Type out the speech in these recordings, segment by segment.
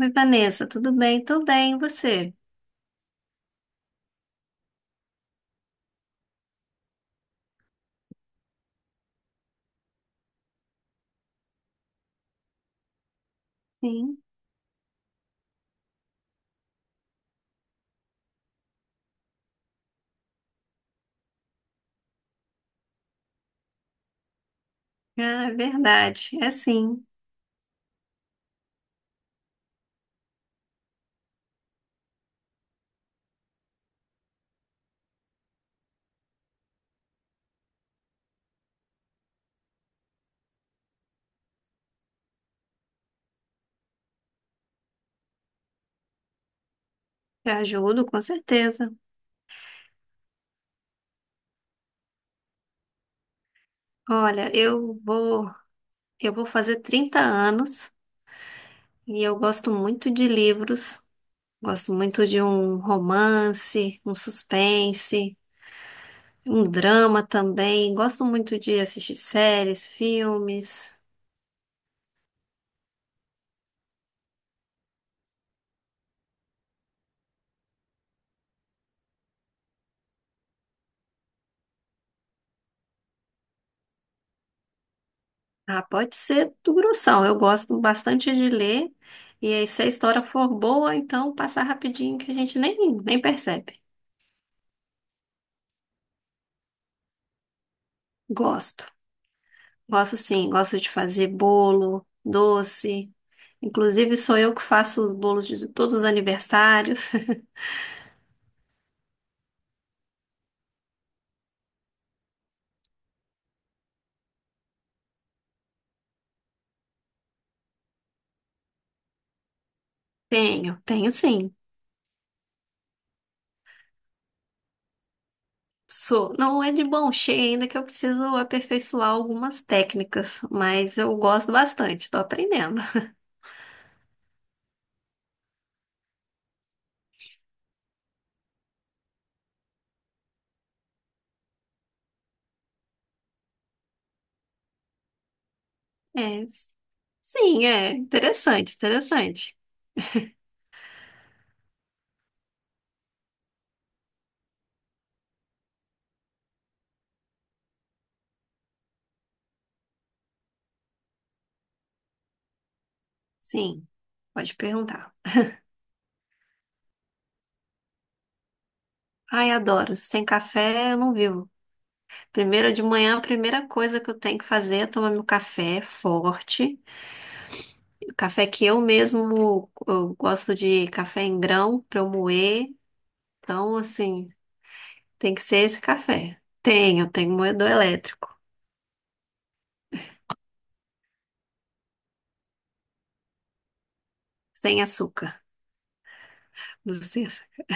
Oi, Vanessa, tudo bem? Tô bem, e você? Sim, ah, é verdade. É sim, te ajudo, com certeza. Olha, eu vou fazer 30 anos e eu gosto muito de livros. Gosto muito de um romance, um suspense, um drama também. Gosto muito de assistir séries, filmes. Ah, pode ser do grossão. Eu gosto bastante de ler. E aí, se a história for boa, então passa rapidinho que a gente nem percebe. Gosto, gosto sim, gosto de fazer bolo, doce. Inclusive, sou eu que faço os bolos de todos os aniversários. Tenho, tenho sim. Sou. Não é de bom cheio ainda que eu preciso aperfeiçoar algumas técnicas, mas eu gosto bastante, tô aprendendo. É, s- sim, é interessante, interessante. Sim, pode perguntar. Ai, adoro. Sem café eu não vivo. Primeiro de manhã, a primeira coisa que eu tenho que fazer é tomar meu café forte. Café que eu mesmo eu gosto de café em grão para eu moer. Então, assim, tem que ser esse café. Tenho, tenho moedor elétrico, sem açúcar. Sem açúcar.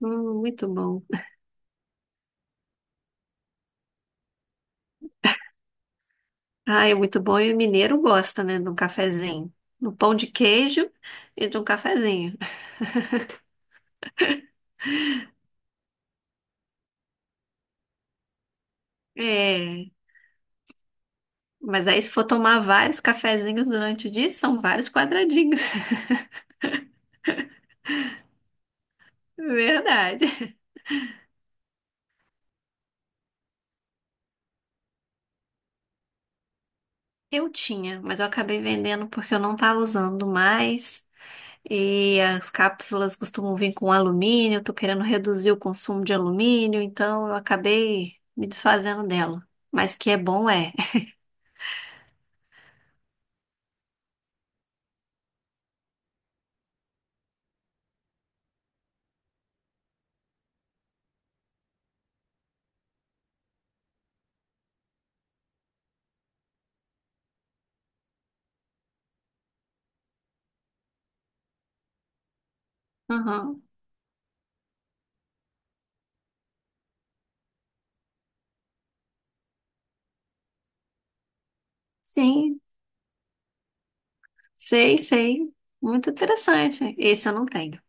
Muito bom. Ah, é muito bom e o mineiro gosta, né, de um cafezinho. No pão de queijo e de um cafezinho. É, mas aí se for tomar vários cafezinhos durante o dia, são vários quadradinhos. Verdade. Eu tinha, mas eu acabei vendendo porque eu não estava usando mais. E as cápsulas costumam vir com alumínio, eu tô querendo reduzir o consumo de alumínio, então eu acabei me desfazendo dela. Mas que é bom é. Aham. Sim, sei, sei. Muito interessante. Esse eu não tenho.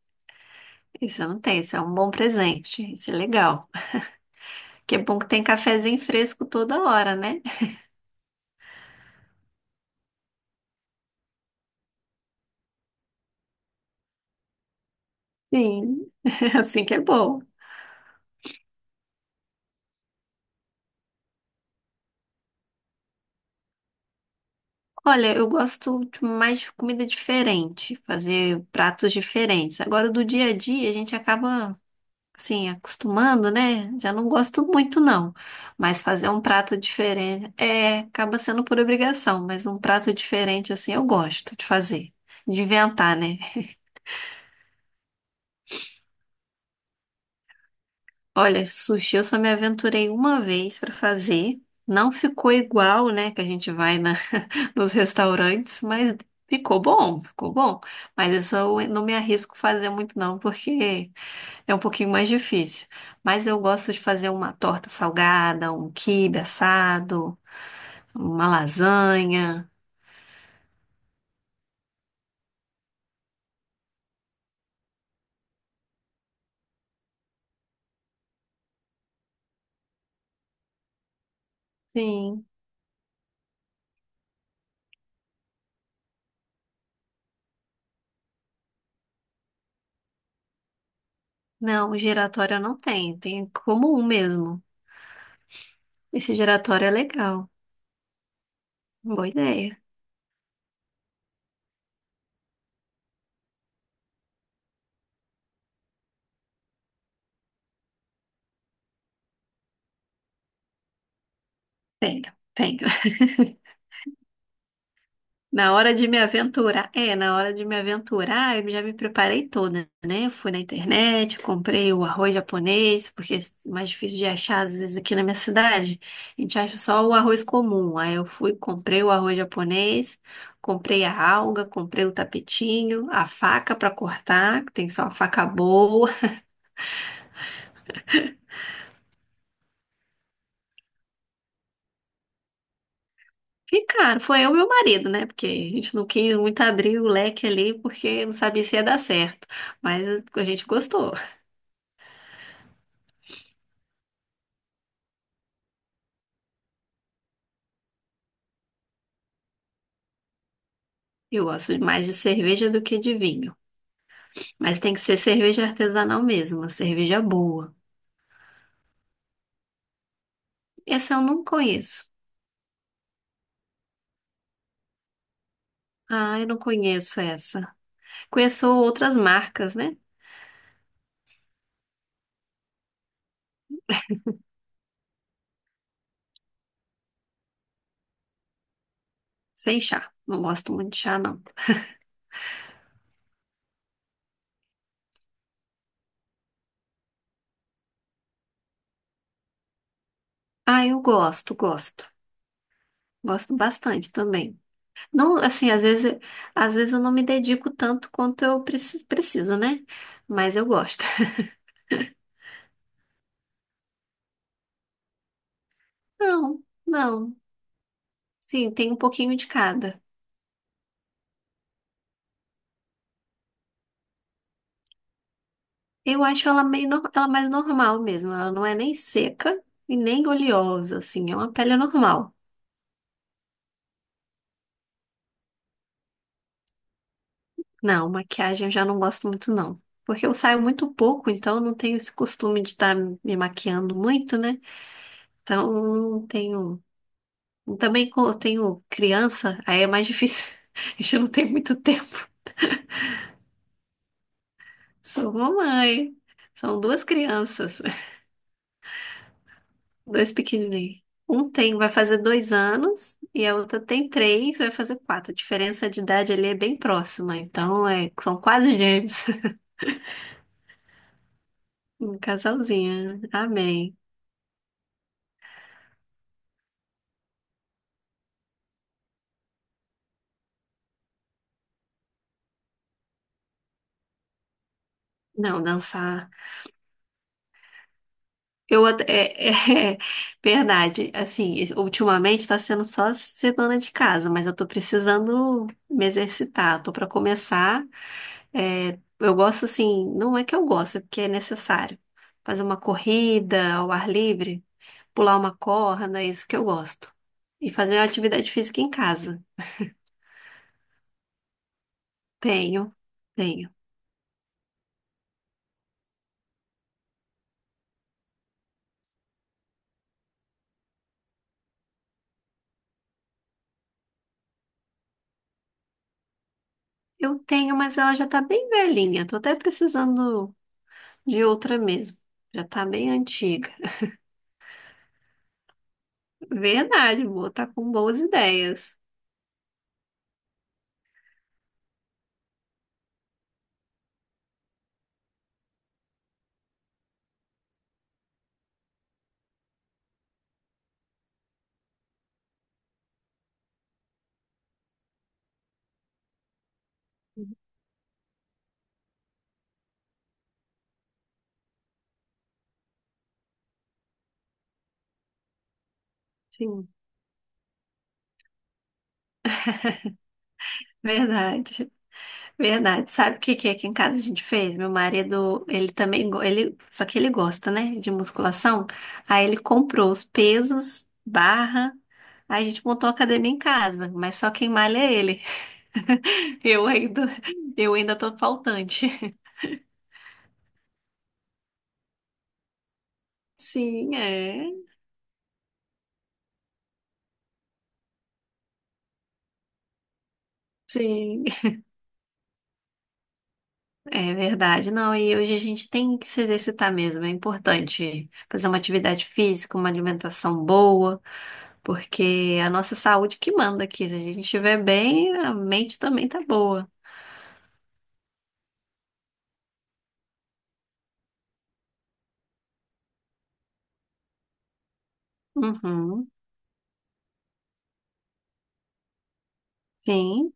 Esse eu não tenho. Esse é um bom presente. Esse é legal. Que é bom que tem cafezinho fresco toda hora, né? Sim, assim que é bom. Olha, eu gosto tipo, mais de comida diferente, fazer pratos diferentes. Agora, do dia a dia, a gente acaba, assim, acostumando, né? Já não gosto muito, não. Mas fazer um prato diferente, é, acaba sendo por obrigação, mas um prato diferente, assim, eu gosto de fazer, de inventar, né? Olha, sushi eu só me aventurei uma vez pra fazer. Não ficou igual, né? Que a gente vai na nos restaurantes, mas ficou bom, ficou bom. Mas isso eu não me arrisco fazer muito não, porque é um pouquinho mais difícil. Mas eu gosto de fazer uma torta salgada, um quibe assado, uma lasanha. Sim. Não, o giratório eu não tenho, tem como um mesmo. Esse giratório é legal, boa ideia. Tenho, tenho. Na hora de me aventurar, é, na hora de me aventurar, eu já me preparei toda, né? Eu fui na internet, comprei o arroz japonês, porque é mais difícil de achar, às vezes, aqui na minha cidade. A gente acha só o arroz comum. Aí eu fui, comprei o arroz japonês, comprei a alga, comprei o tapetinho, a faca pra cortar, que tem só uma faca boa. E, cara, foi eu e meu marido, né? Porque a gente não quis muito abrir o leque ali, porque não sabia se ia dar certo. Mas a gente gostou. Eu gosto mais de cerveja do que de vinho. Mas tem que ser cerveja artesanal mesmo, uma cerveja boa. Essa eu não conheço. Ah, eu não conheço essa. Conheço outras marcas, né? Sem chá. Não gosto muito de chá, não. Ah, eu gosto, gosto. Gosto bastante também. Não, assim, às vezes eu não me dedico tanto quanto eu preciso, né? Mas eu gosto. Não, não. Sim, tem um pouquinho de cada. Eu acho ela meio, nor- ela mais normal mesmo. Ela não é nem seca e nem oleosa, assim. É uma pele normal. Não, maquiagem eu já não gosto muito, não. Porque eu saio muito pouco, então eu não tenho esse costume de estar me maquiando muito, né? Então, não tenho. Também eu tenho criança, aí é mais difícil. A gente não tem muito tempo. Sou mamãe. São duas crianças. Dois pequenininhos. Um tem, vai fazer 2 anos e a outra tem 3, vai fazer 4. A diferença de idade ali é bem próxima, então é, são quase gêmeos. Um casalzinho. Amém. Não, dançar. Eu até- é, é, é verdade. Assim, ultimamente está sendo só ser dona de casa, mas eu tô precisando me exercitar. Tô para começar. É, eu gosto assim, não é que eu gosto, é porque é necessário. Fazer uma corrida ao ar livre. Pular uma corda, é isso que eu gosto. E fazer atividade física em casa. Tenho, tenho. Eu tenho, mas ela já tá bem velhinha. Tô até precisando de outra mesmo. Já tá bem antiga. Verdade, boa, tá com boas ideias. Sim, verdade. Verdade. Sabe o que que aqui em casa a gente fez? Meu marido, ele também, ele, só que ele gosta, né, de musculação. Aí ele comprou os pesos, barra. Aí a gente montou a academia em casa, mas só quem malha é ele. Eu ainda, eu ainda tô faltante. Sim, é. Sim. É verdade. Não, e hoje a gente tem que se exercitar mesmo, é importante fazer uma atividade física, uma alimentação boa. Porque é a nossa saúde que manda aqui. Se a gente estiver bem, a mente também tá boa. Uhum, sim.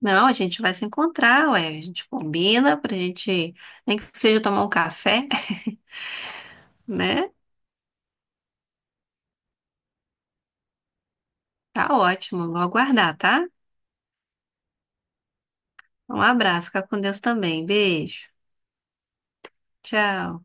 Não, a gente vai se encontrar, ué. A gente combina pra gente, nem que seja tomar um café, né? Tá ótimo. Vou aguardar, tá? Um abraço, fica com Deus também. Beijo. Tchau.